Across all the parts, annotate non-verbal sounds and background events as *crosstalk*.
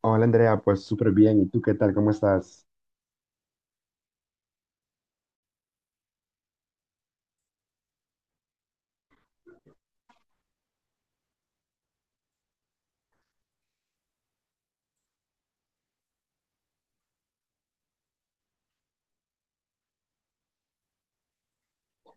Hola Andrea, pues súper bien. ¿Y tú qué tal? ¿Cómo estás?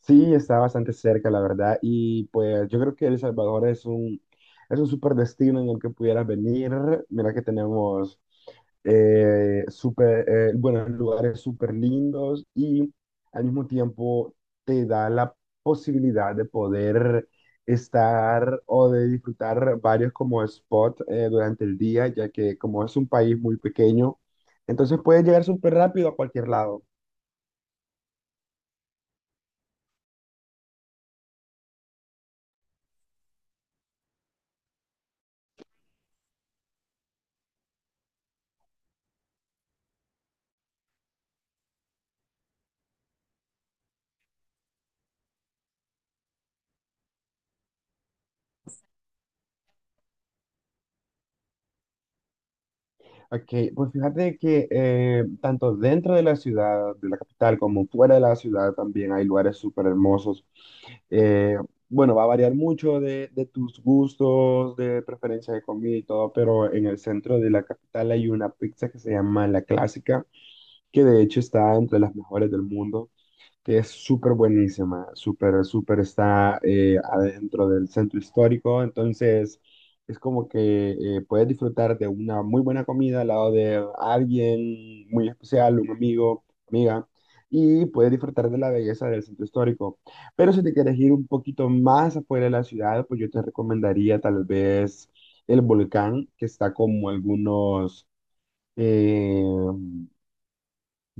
Sí, está bastante cerca, la verdad. Y pues yo creo que El Salvador es un súper destino en el que pudieras venir. Mira que tenemos súper, bueno, lugares súper lindos y al mismo tiempo te da la posibilidad de poder estar o de disfrutar varios como spots durante el día, ya que como es un país muy pequeño, entonces puedes llegar súper rápido a cualquier lado. Ok, pues fíjate que tanto dentro de la ciudad, de la capital, como fuera de la ciudad también hay lugares súper hermosos. Eh, bueno, va a variar mucho de tus gustos, de preferencia de comida y todo, pero en el centro de la capital hay una pizza que se llama La Clásica, que de hecho está entre las mejores del mundo, que es súper buenísima, súper, súper está adentro del centro histórico, entonces es como que puedes disfrutar de una muy buena comida al lado de alguien muy especial, un amigo, amiga, y puedes disfrutar de la belleza del centro histórico. Pero si te quieres ir un poquito más afuera de la ciudad, pues yo te recomendaría tal vez el volcán, que está como algunos... eh,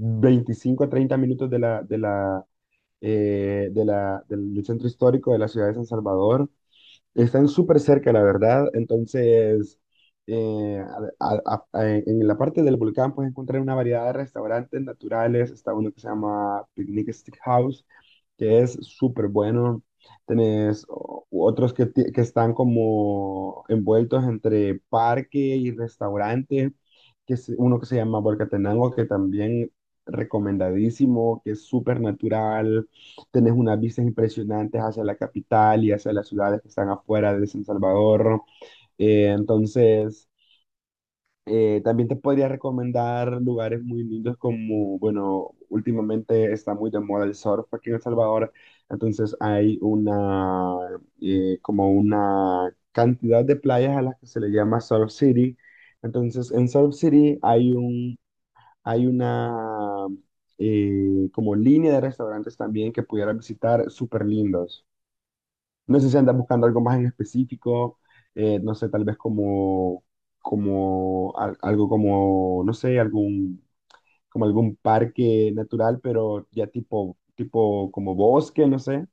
25 a 30 minutos de la, de la, de la, del del centro histórico de la ciudad de San Salvador. Están súper cerca, la verdad. Entonces, eh, en la parte del volcán puedes encontrar una variedad de restaurantes naturales. Está uno que se llama Picnic Stick House, que es súper bueno. Tenés otros que están como envueltos entre parque y restaurante, que es uno que se llama Volcatenango, que también recomendadísimo, que es súper natural. Tenés unas vistas impresionantes hacia la capital y hacia las ciudades que están afuera de San Salvador. Entonces, también te podría recomendar lugares muy lindos como, bueno, últimamente está muy de moda el surf aquí en El Salvador. Entonces hay una, Como una cantidad de playas a las que se le llama Surf City. Entonces en Surf City hay un, hay una Como línea de restaurantes también que pudieras visitar súper lindos. No sé si andas buscando algo más en específico, no sé, tal vez algo como, no sé, como algún parque natural, pero ya tipo, tipo como bosque, no sé.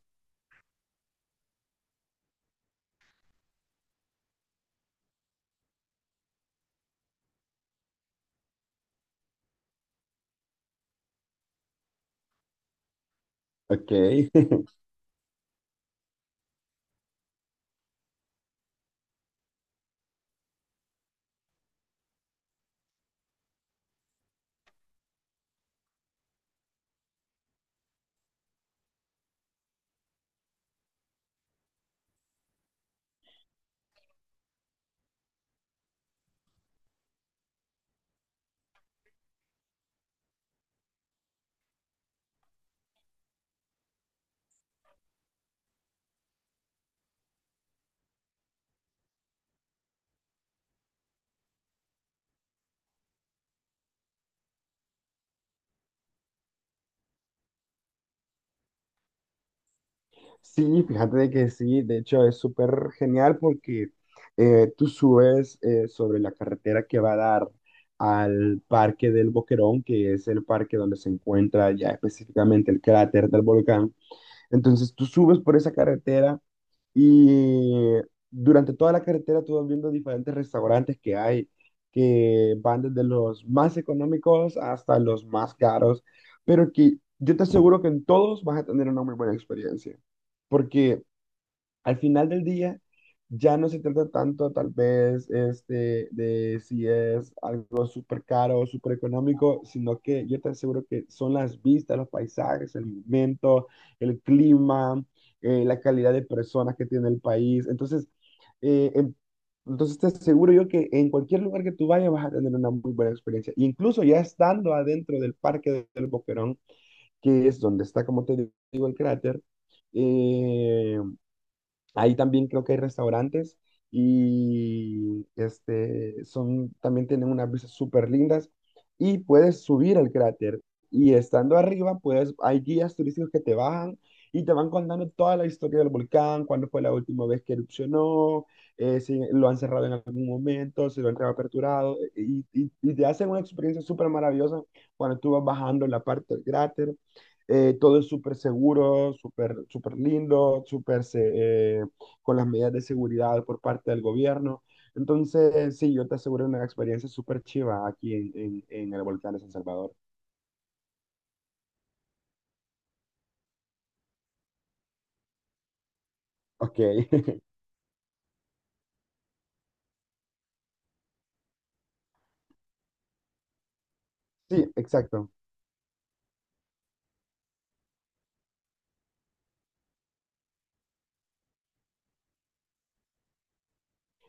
Ok, *laughs* sí, fíjate de que sí, de hecho es súper genial porque tú subes sobre la carretera que va a dar al Parque del Boquerón, que es el parque donde se encuentra ya específicamente el cráter del volcán. Entonces tú subes por esa carretera y durante toda la carretera tú vas viendo diferentes restaurantes que hay, que van desde los más económicos hasta los más caros, pero que yo te aseguro que en todos vas a tener una muy buena experiencia, porque al final del día ya no se trata tanto tal vez este, de si es algo súper caro o súper económico, sino que yo te aseguro que son las vistas, los paisajes, el momento, el clima, la calidad de personas que tiene el país. Entonces, eh, en- entonces te aseguro yo que en cualquier lugar que tú vayas vas a tener una muy buena experiencia. Incluso ya estando adentro del Parque del Boquerón, que es donde está, como te digo, el cráter, eh, ahí también creo que hay restaurantes y este, son, también tienen unas vistas súper lindas y puedes subir al cráter y estando arriba, pues hay guías turísticos que te bajan y te van contando toda la historia del volcán, cuándo fue la última vez que erupcionó, si lo han cerrado en algún momento, si lo han reaperturado y te hacen una experiencia súper maravillosa cuando tú vas bajando la parte del cráter. Todo es súper seguro, súper súper lindo, eh, con las medidas de seguridad por parte del gobierno. Entonces, sí, yo te aseguro una experiencia súper chiva aquí en el volcán de San Salvador. Ok, *laughs* sí, exacto.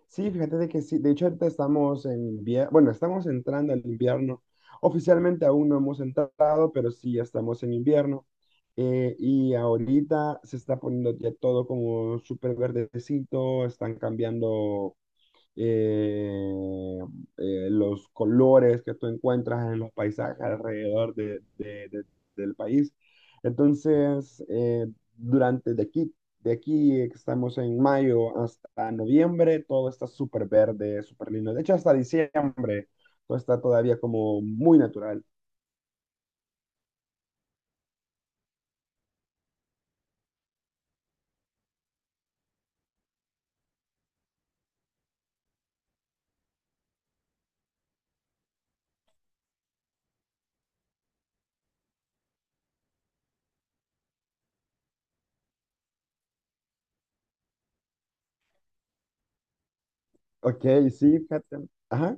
Sí, fíjate de que sí, de hecho ahorita estamos en invierno, bueno, estamos entrando al invierno. Oficialmente aún no hemos entrado, pero sí ya estamos en invierno. Y ahorita se está poniendo ya todo como súper verdecito, están cambiando eh, los colores que tú encuentras en los paisajes alrededor del país. Entonces, durante de aquí, de aquí que estamos en mayo hasta noviembre, todo está súper verde, súper lindo. De hecho, hasta diciembre, todo está todavía como muy natural. Ok, sí, fíjate. Ajá.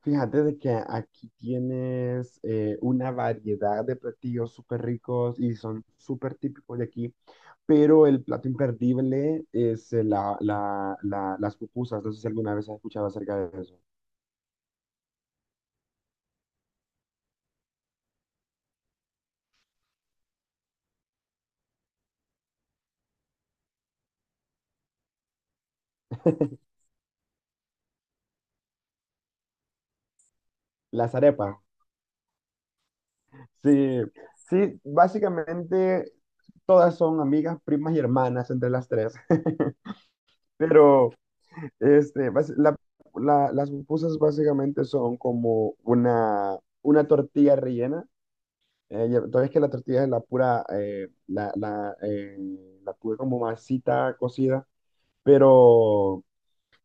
Fíjate de que aquí tienes una variedad de platillos súper ricos y son súper típicos de aquí, pero el plato imperdible es las pupusas. No sé si alguna vez has escuchado acerca de eso. Las arepas. Sí, sí, básicamente todas son amigas, primas y hermanas entre las tres, *laughs* pero este, bas- la- las pupusas básicamente son como una tortilla rellena. Todavía es que la tortilla es la pura, la pura como masita cocida, pero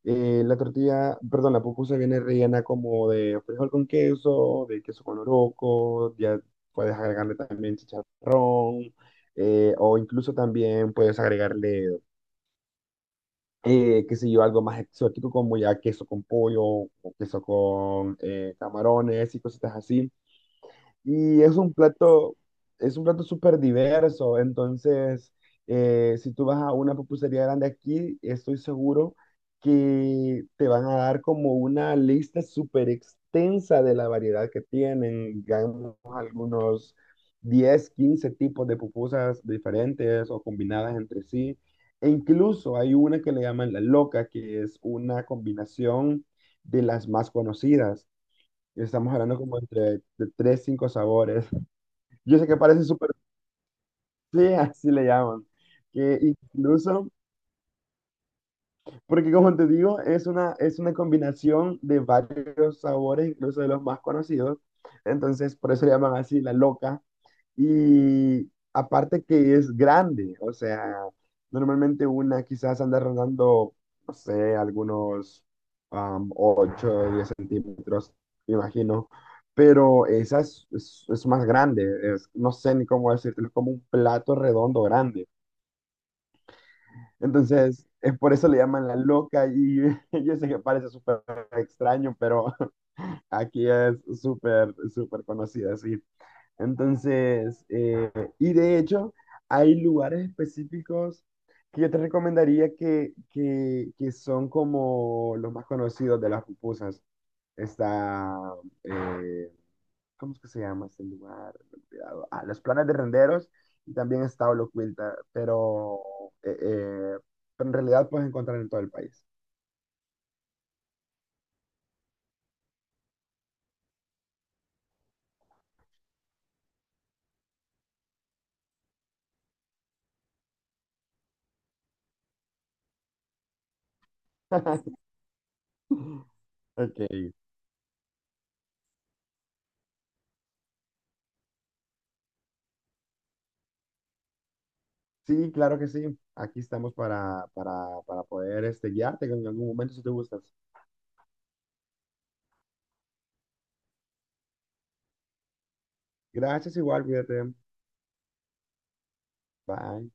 la pupusa viene rellena como de frijol con queso, de queso con loroco, ya puedes agregarle también chicharrón, o incluso también puedes agregarle, qué sé yo, algo más exótico como ya queso con pollo o queso con camarones y cositas así. Y es un plato súper diverso. Entonces, si tú vas a una pupusería grande aquí, estoy seguro que te van a dar como una lista súper extensa de la variedad que tienen. Digamos, algunos 10 15 tipos de pupusas diferentes o combinadas entre sí. E incluso hay una que le llaman la loca, que es una combinación de las más conocidas. Y estamos hablando como entre de 3, 5 sabores. Yo sé que parece súper *laughs* sí, así le llaman. Que incluso, porque como te digo, es una combinación de varios sabores, incluso de los más conocidos. Entonces, por eso le llaman así la loca. Y aparte que es grande, o sea, normalmente una quizás anda rondando, no sé, algunos 8 o 10 centímetros, me imagino. Pero esa es, es más grande, no sé ni cómo decirlo, es como un plato redondo grande. Entonces, es por eso le llaman la loca y *laughs* yo sé que parece súper extraño, pero *laughs* aquí es súper, súper conocida, sí. Entonces, y de hecho, hay lugares específicos que yo te recomendaría que son como los más conocidos de las pupusas. Está eh, ¿cómo es que se llama este lugar? Me he olvidado. Ah, los planes de renderos y también está Holocuilta, eh, eh, pero en realidad puedes encontrar en todo el país. *laughs* Ok. Sí, claro que sí. Aquí estamos para poder este, guiarte en algún momento si te gustas. Gracias, igual, cuídate. Bye.